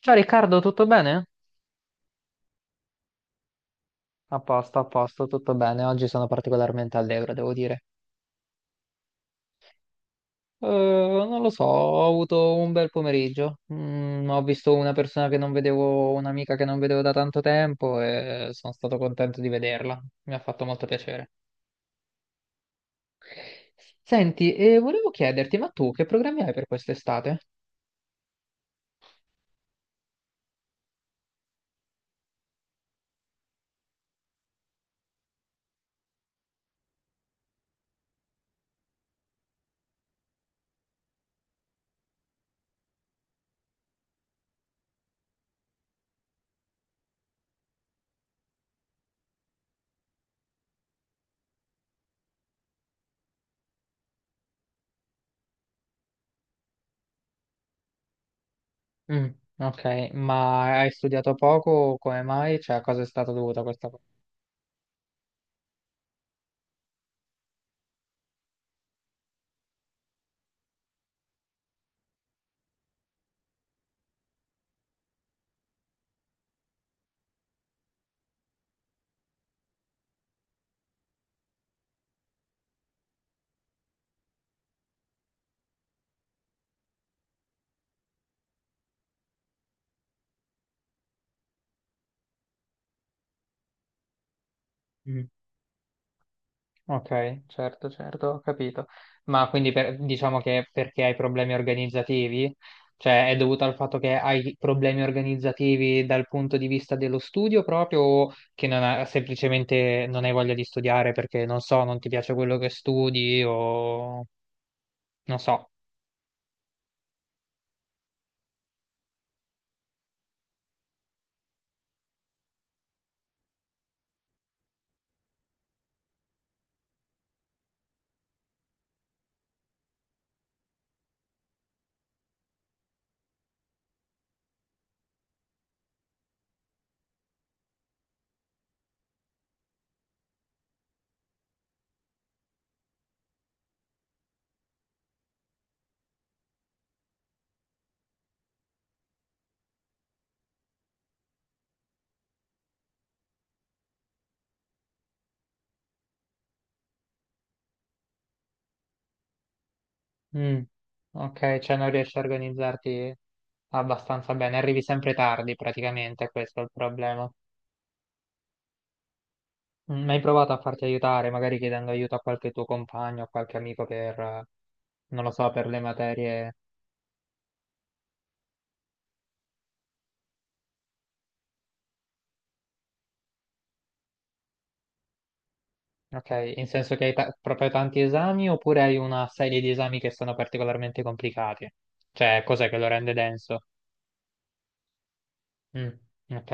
Ciao Riccardo, tutto bene? A posto, tutto bene. Oggi sono particolarmente allegro, devo dire. Non lo so, ho avuto un bel pomeriggio. Ho visto una persona che non vedevo, un'amica che non vedevo da tanto tempo e sono stato contento di vederla. Mi ha fatto molto piacere. Senti, e volevo chiederti, ma tu che programmi hai per quest'estate? Mm, ok, ma hai studiato poco? Come mai? Cioè, a cosa è stata dovuta questa cosa? Ok, certo, certo, ho capito. Ma quindi diciamo che perché hai problemi organizzativi? Cioè è dovuto al fatto che hai problemi organizzativi dal punto di vista dello studio proprio o che non ha- semplicemente non hai voglia di studiare perché non so, non ti piace quello che studi o non so. Mm, ok, cioè non riesci a organizzarti abbastanza bene, arrivi sempre tardi praticamente, questo è il problema. Hai provato a farti aiutare, magari chiedendo aiuto a qualche tuo compagno, a qualche amico per, non lo so, per le materie. Ok, in senso che hai proprio tanti esami oppure hai una serie di esami che sono particolarmente complicati? Cioè, cos'è che lo rende denso? Mm, ok.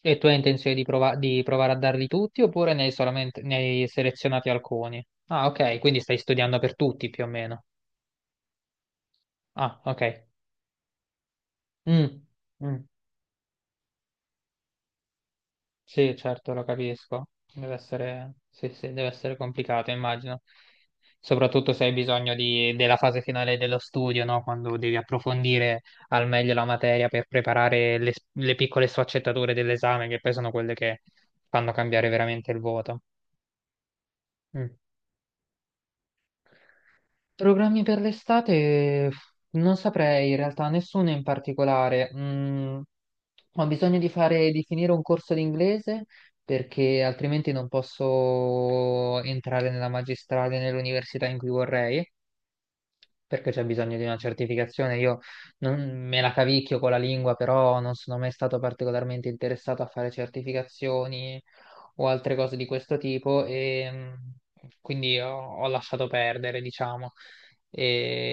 E tu hai intenzione di provare a darli tutti oppure ne hai selezionati alcuni? Ah, ok, quindi stai studiando per tutti più o meno. Ah, ok. Mm, mm. Sì, certo, lo capisco. Deve essere, sì, sì, deve essere complicato, immagino. Soprattutto se hai bisogno della fase finale dello studio, no? Quando devi approfondire al meglio la materia per preparare le piccole sfaccettature dell'esame, che poi sono quelle che fanno cambiare veramente il voto. Mm. Programmi per l'estate? Non saprei in realtà, nessuno in particolare. Ho bisogno di finire un corso di inglese perché altrimenti non posso entrare nella magistrale, nell'università in cui vorrei, perché c'è bisogno di una certificazione. Io non me la cavicchio con la lingua, però non sono mai stato particolarmente interessato a fare certificazioni o altre cose di questo tipo e quindi ho lasciato perdere, diciamo.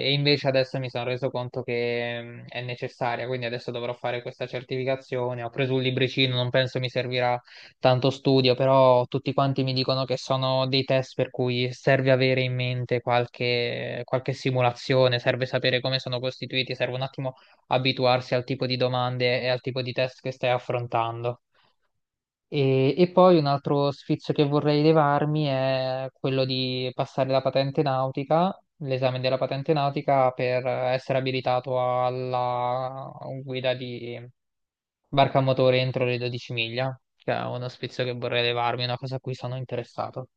E invece adesso mi sono reso conto che è necessaria, quindi adesso dovrò fare questa certificazione. Ho preso un libricino, non penso mi servirà tanto studio, però tutti quanti mi dicono che sono dei test per cui serve avere in mente qualche simulazione, serve sapere come sono costituiti, serve un attimo abituarsi al tipo di domande e al tipo di test che stai affrontando. E poi un altro sfizio che vorrei levarmi è quello di passare la patente nautica, l'esame della patente nautica per essere abilitato alla guida di barca a motore entro le 12 miglia, che è uno spizio che vorrei levarmi, una cosa a cui sono interessato.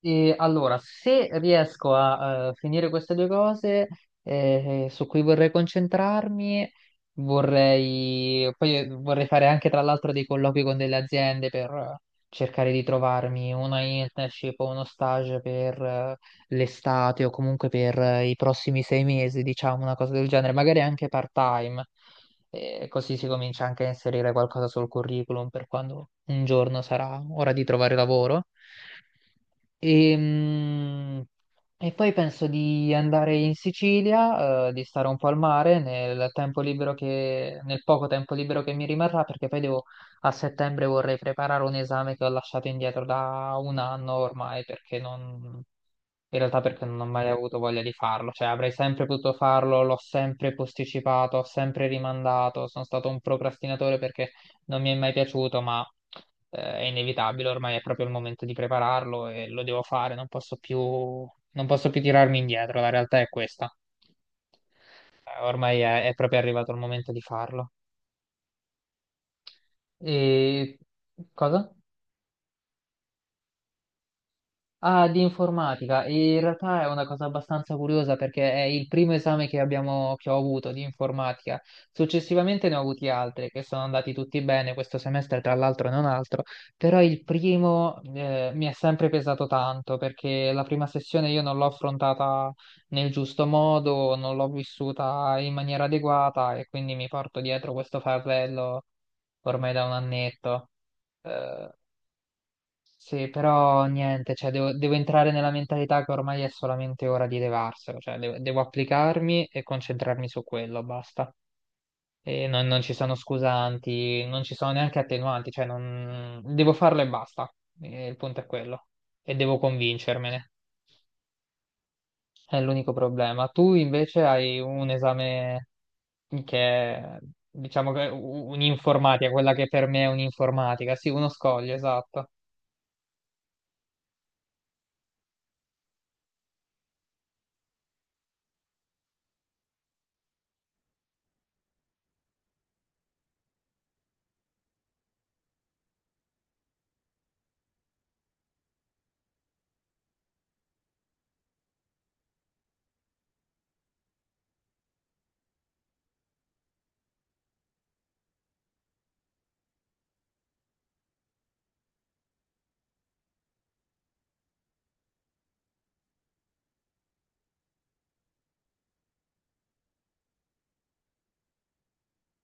E allora, se riesco a finire queste due cose su cui vorrei concentrarmi, poi vorrei fare anche tra l'altro dei colloqui con delle aziende per cercare di trovarmi una internship o uno stage per l'estate o comunque per i prossimi sei mesi, diciamo una cosa del genere, magari anche part-time. E così si comincia anche a inserire qualcosa sul curriculum per quando un giorno sarà ora di trovare lavoro. E, mm, e poi penso di andare in Sicilia, di stare un po' al mare nel tempo libero che, nel poco tempo libero che mi rimarrà, perché poi devo, a settembre vorrei preparare un esame che ho lasciato indietro da un anno ormai, perché non, in realtà perché non ho mai avuto voglia di farlo, cioè avrei sempre potuto farlo, l'ho sempre posticipato, ho sempre rimandato, sono stato un procrastinatore perché non mi è mai piaciuto, ma è inevitabile, ormai è proprio il momento di prepararlo e lo devo fare, non posso più, non posso più tirarmi indietro, la realtà è questa. Ormai è proprio arrivato il momento di farlo. E cosa? Ah, di informatica. E in realtà è una cosa abbastanza curiosa perché è il primo esame che abbiamo, che ho avuto di informatica. Successivamente ne ho avuti altri che sono andati tutti bene questo semestre, tra l'altro e non altro, però il primo mi è sempre pesato tanto perché la prima sessione io non l'ho affrontata nel giusto modo, non l'ho vissuta in maniera adeguata e quindi mi porto dietro questo fardello ormai da un annetto. Eh, sì, però niente, cioè devo entrare nella mentalità che ormai è solamente ora di levarselo, cioè devo applicarmi e concentrarmi su quello, basta. E non ci sono scusanti, non ci sono neanche attenuanti, cioè non... devo farlo e basta. E il punto è quello. E devo convincermene. È l'unico problema. Tu invece hai un esame che è, diciamo che è un'informatica, quella che per me è un'informatica, sì, uno scoglio, esatto.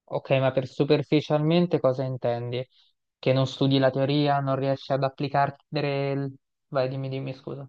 Ok, ma per superficialmente cosa intendi? Che non studi la teoria, non riesci ad applicare... il- Vai, dimmi, dimmi, scusa.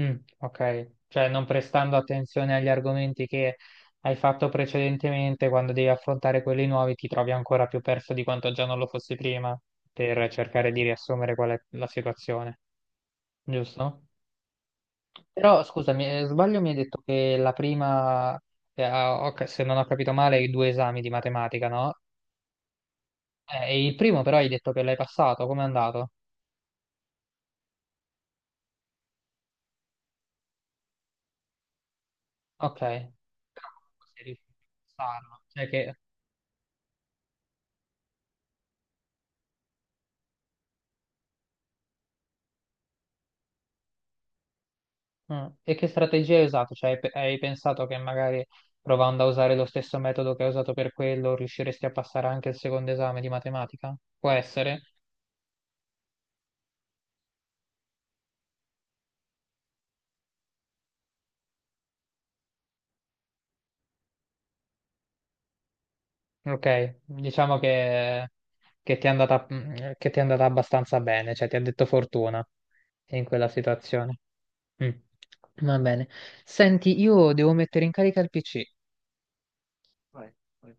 Mm, ok, cioè non prestando attenzione agli argomenti che hai fatto precedentemente, quando devi affrontare quelli nuovi ti trovi ancora più perso di quanto già non lo fossi prima, per cercare di riassumere qual è la situazione, giusto? Però scusami, sbaglio, mi hai detto che la prima, ah, ok, se non ho capito male, i due esami di matematica, no? E il primo però hai detto che l'hai passato, com'è andato? Ok, però comunque sei riuscito a usarlo. Cioè mm. E che strategia hai usato? Cioè, hai pensato che magari provando a usare lo stesso metodo che hai usato per quello riusciresti a passare anche il secondo esame di matematica? Può essere? Ok, diciamo che ti è andata abbastanza bene, cioè ti ha detto fortuna in quella situazione. Mm. Va bene. Senti, io devo mettere in carica il PC. Vai, vai.